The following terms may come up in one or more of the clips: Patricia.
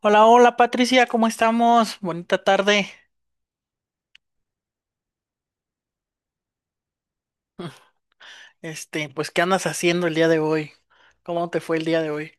Hola, hola Patricia, ¿cómo estamos? Bonita tarde. Pues, ¿qué andas haciendo el día de hoy? ¿Cómo te fue el día de hoy?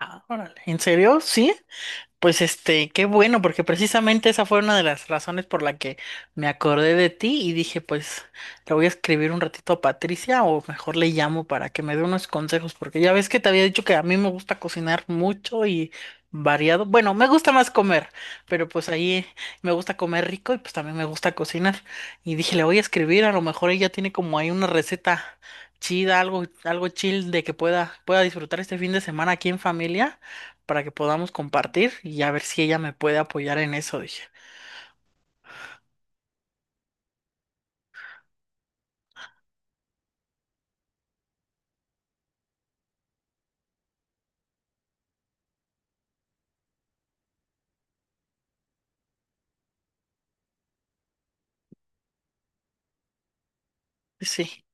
Ah, órale. ¿En serio? ¿Sí? Pues qué bueno, porque precisamente esa fue una de las razones por la que me acordé de ti y dije, pues le voy a escribir un ratito a Patricia o mejor le llamo para que me dé unos consejos, porque ya ves que te había dicho que a mí me gusta cocinar mucho y variado. Bueno, me gusta más comer, pero pues ahí me gusta comer rico y pues también me gusta cocinar. Y dije, le voy a escribir, a lo mejor ella tiene como ahí una receta chida, algo chill de que pueda disfrutar este fin de semana aquí en familia para que podamos compartir y a ver si ella me puede apoyar en eso, dije. Sí.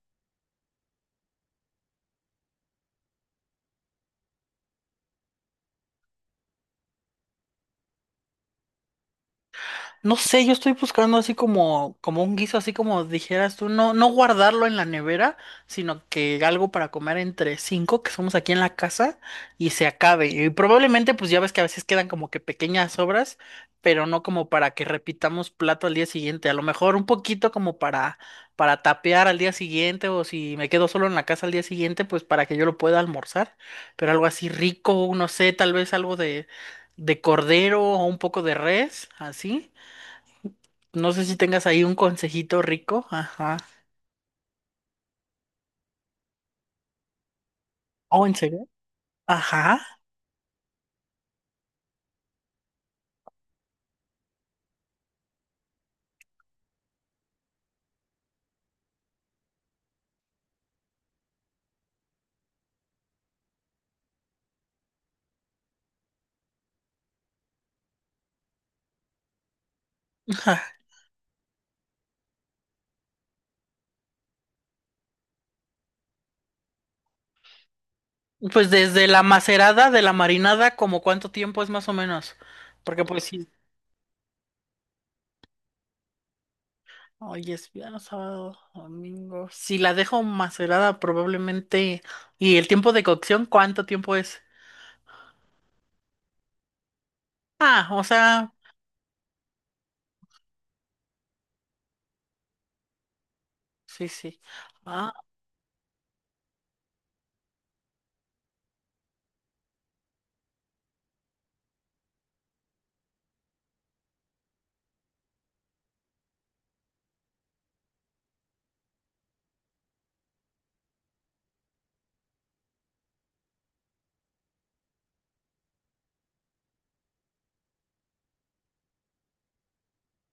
No sé, yo estoy buscando así como un guiso, así como dijeras tú, no, no guardarlo en la nevera, sino que algo para comer entre cinco que somos aquí en la casa y se acabe. Y probablemente, pues ya ves que a veces quedan como que pequeñas sobras, pero no como para que repitamos plato al día siguiente. A lo mejor un poquito como para tapear al día siguiente, o si me quedo solo en la casa al día siguiente, pues para que yo lo pueda almorzar. Pero algo así rico, no sé, tal vez algo de cordero o un poco de res, así. No sé si tengas ahí un consejito rico. Ajá. Oh, ¿en serio? Ajá. Ajá. Pues desde la macerada de la marinada, como cuánto tiempo es más o menos? Porque pues sí. Hoy es viernes, sábado, domingo. Si la dejo macerada, probablemente. ¿Y el tiempo de cocción, cuánto tiempo es? Ah, o sea, sí, sí. Ah,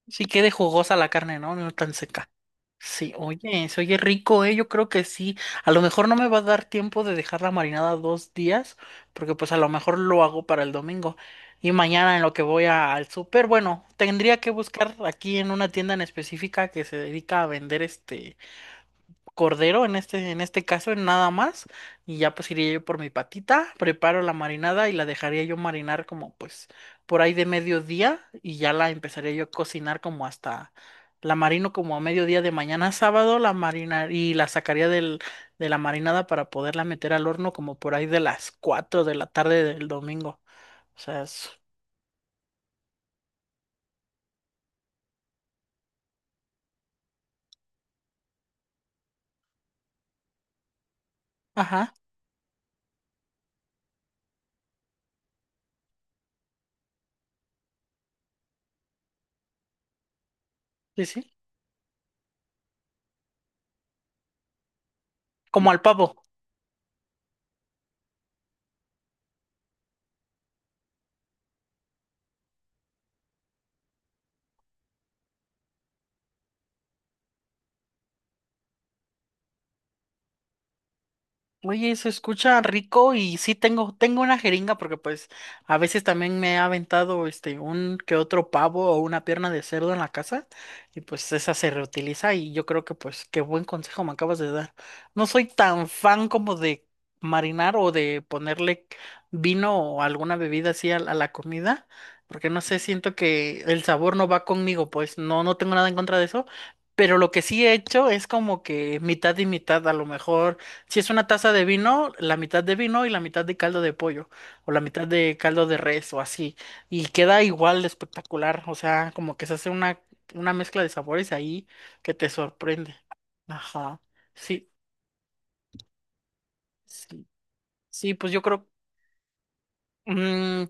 sí quede jugosa la carne, ¿no? No tan seca. Sí, oye, se oye rico, eh. Yo creo que sí. A lo mejor no me va a dar tiempo de dejarla marinada 2 días, porque pues a lo mejor lo hago para el domingo. Y mañana en lo que al súper, bueno, tendría que buscar aquí en una tienda en específica que se dedica a vender este cordero en en este caso, en nada más, y ya pues iría yo por mi patita, preparo la marinada y la dejaría yo marinar como pues por ahí de mediodía y ya la empezaría yo a cocinar como hasta la marino como a mediodía de mañana sábado, la marinar y la sacaría de la marinada para poderla meter al horno como por ahí de las 4 de la tarde del domingo. O sea, es... Ajá, sí, sí, como al pavo. Oye, se escucha rico y sí tengo una jeringa porque pues a veces también me ha aventado un que otro pavo o una pierna de cerdo en la casa y pues esa se reutiliza y yo creo que pues qué buen consejo me acabas de dar. No soy tan fan como de marinar o de ponerle vino o alguna bebida así a la comida porque no sé, siento que el sabor no va conmigo, pues no, no tengo nada en contra de eso. Pero lo que sí he hecho es como que mitad y mitad, a lo mejor si es una taza de vino, la mitad de vino y la mitad de caldo de pollo, o la mitad de caldo de res, o así. Y queda igual de espectacular. O sea, como que se hace una mezcla de sabores ahí que te sorprende. Ajá. Sí, sí. Sí, pues yo creo. mm,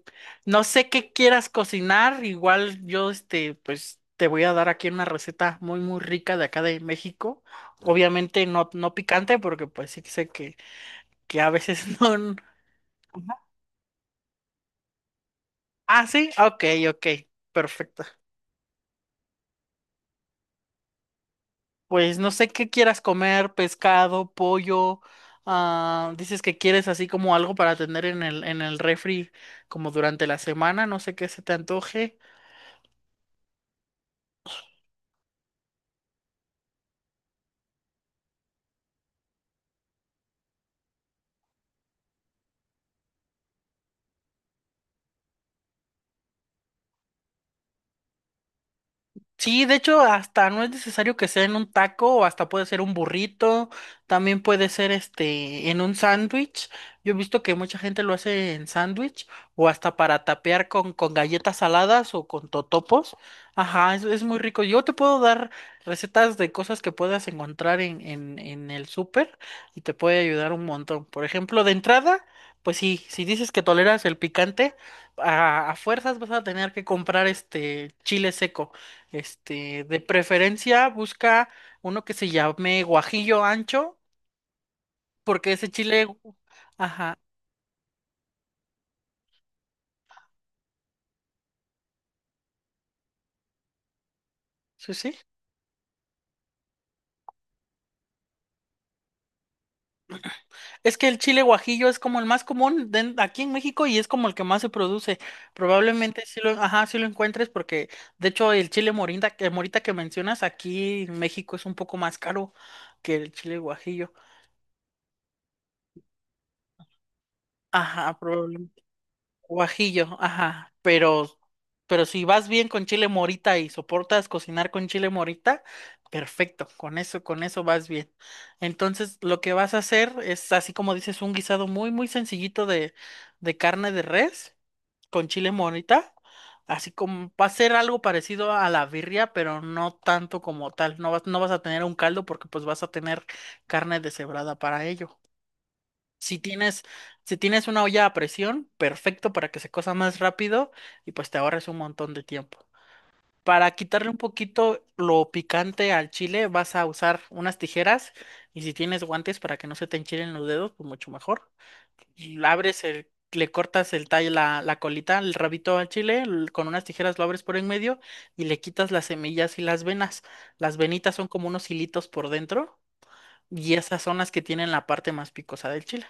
no sé qué quieras cocinar. Igual yo, pues te voy a dar aquí una receta muy, muy rica de acá de México. Obviamente no, no picante, porque pues sí que sé que a veces no. Ah, sí, ok, ok, perfecto. Pues no sé qué quieras comer, pescado, pollo. Ah, dices que quieres así como algo para tener en en el refri como durante la semana, no sé qué se te antoje. Sí, de hecho, hasta no es necesario que sea en un taco, o hasta puede ser un burrito, también puede ser este en un sándwich. Yo he visto que mucha gente lo hace en sándwich, o hasta para tapear con galletas saladas o con totopos. Ajá, es muy rico. Yo te puedo dar recetas de cosas que puedas encontrar en el súper y te puede ayudar un montón. Por ejemplo, de entrada, pues sí, si dices que toleras el picante, a fuerzas vas a tener que comprar este chile seco. De preferencia busca uno que se llame guajillo ancho, porque ese chile, ajá, sí, sí. Es que el chile guajillo es como el más común aquí en México y es como el que más se produce. Probablemente ajá, sí lo encuentres porque de hecho el chile morinda, que morita que mencionas aquí en México es un poco más caro que el chile guajillo. Ajá, probablemente. Guajillo, ajá, pero si vas bien con chile morita y soportas cocinar con chile morita, perfecto, con eso vas bien. Entonces, lo que vas a hacer es, así como dices, un guisado muy, muy sencillito de carne de res con chile morita, así como va a ser algo parecido a la birria, pero no tanto como tal. No vas a tener un caldo porque pues vas a tener carne deshebrada para ello. Si tienes, si tienes una olla a presión, perfecto para que se cosa más rápido y pues te ahorres un montón de tiempo. Para quitarle un poquito lo picante al chile, vas a usar unas tijeras y si tienes guantes para que no se te enchilen los dedos, pues mucho mejor. Y abres el, le cortas el tallo, la colita, el rabito al chile, con unas tijeras lo abres por en medio y le quitas las semillas y las venas. Las venitas son como unos hilitos por dentro y esas son las que tienen la parte más picosa del chile.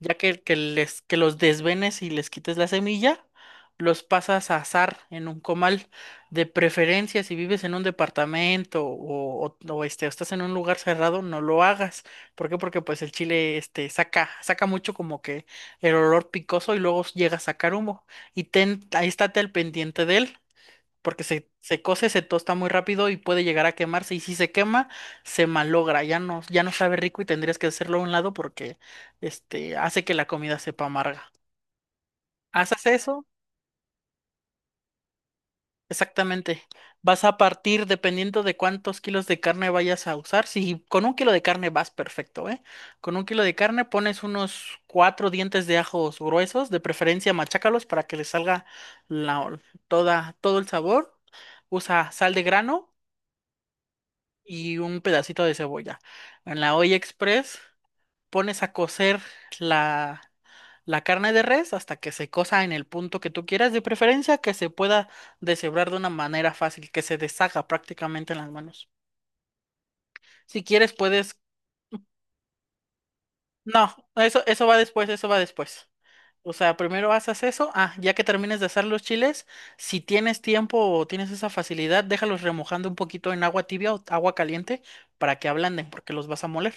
Ya que los desvenes y les quites la semilla, los pasas a asar en un comal. De preferencia, si vives en un departamento o estás en un lugar cerrado, no lo hagas. ¿Por qué? Porque pues el chile este, saca mucho como que el olor picoso y luego llega a sacar humo. Y ten, ahí estate al pendiente de él porque se tosta muy rápido y puede llegar a quemarse. Y si se quema, se malogra, ya no sabe rico y tendrías que hacerlo a un lado porque hace que la comida sepa amarga. ¿Haces eso? Exactamente. Vas a partir dependiendo de cuántos kilos de carne vayas a usar. Si con un kilo de carne vas perfecto, ¿eh? Con un kilo de carne pones unos cuatro dientes de ajos gruesos, de preferencia machácalos para que le salga la- todo el sabor. Usa sal de grano y un pedacito de cebolla. En la olla express pones a cocer la, la carne de res hasta que se cosa en el punto que tú quieras, de preferencia que se pueda deshebrar de una manera fácil, que se deshaga prácticamente en las manos. Si quieres, puedes... No, eso va después, eso va después. O sea, primero haces eso. Ah, ya que termines de hacer los chiles, si tienes tiempo o tienes esa facilidad, déjalos remojando un poquito en agua tibia o agua caliente para que ablanden, porque los vas a moler.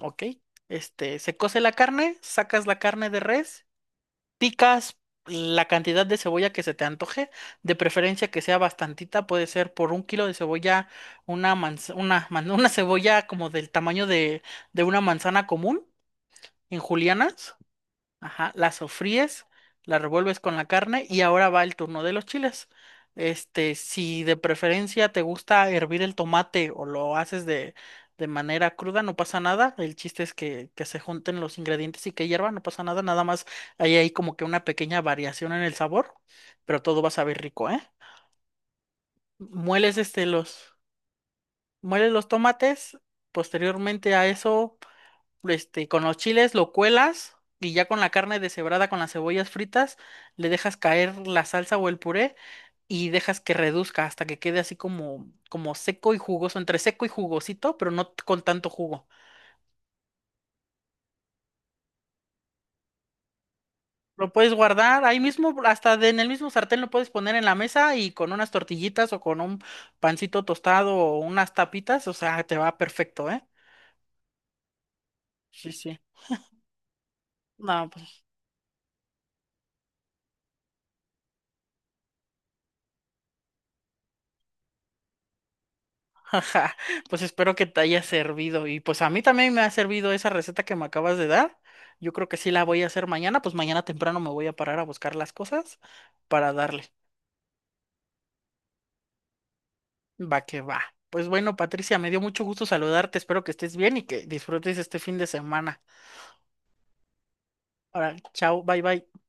Ok, se cose la carne, sacas la carne de res, picas la cantidad de cebolla que se te antoje, de preferencia que sea bastantita, puede ser por un kilo de cebolla, una manz- una, man- una cebolla como del tamaño de una manzana común en julianas. Ajá, la sofríes, la revuelves con la carne y ahora va el turno de los chiles. Si de preferencia te gusta hervir el tomate o lo haces de manera cruda, no pasa nada. El chiste es que se junten los ingredientes y que hierva, no pasa nada. Nada más hay ahí como que una pequeña variación en el sabor, pero todo va a saber rico, ¿eh? Mueles este los, mueles los tomates, posteriormente a eso con los chiles lo cuelas y ya con la carne deshebrada con las cebollas fritas le dejas caer la salsa o el puré y dejas que reduzca hasta que quede así como seco y jugoso, entre seco y jugosito, pero no t- con tanto jugo. Lo puedes guardar ahí mismo, hasta en el mismo sartén lo puedes poner en la mesa y con unas tortillitas o con un pancito tostado o unas tapitas, o sea, te va perfecto, ¿eh? Sí, sí. No, pues Ajá, pues espero que te haya servido y pues a mí también me ha servido esa receta que me acabas de dar. Yo creo que sí la voy a hacer mañana, pues mañana temprano me voy a parar a buscar las cosas para darle. Va que va. Pues bueno, Patricia, me dio mucho gusto saludarte. Espero que estés bien y que disfrutes este fin de semana. Ahora, chao, bye bye.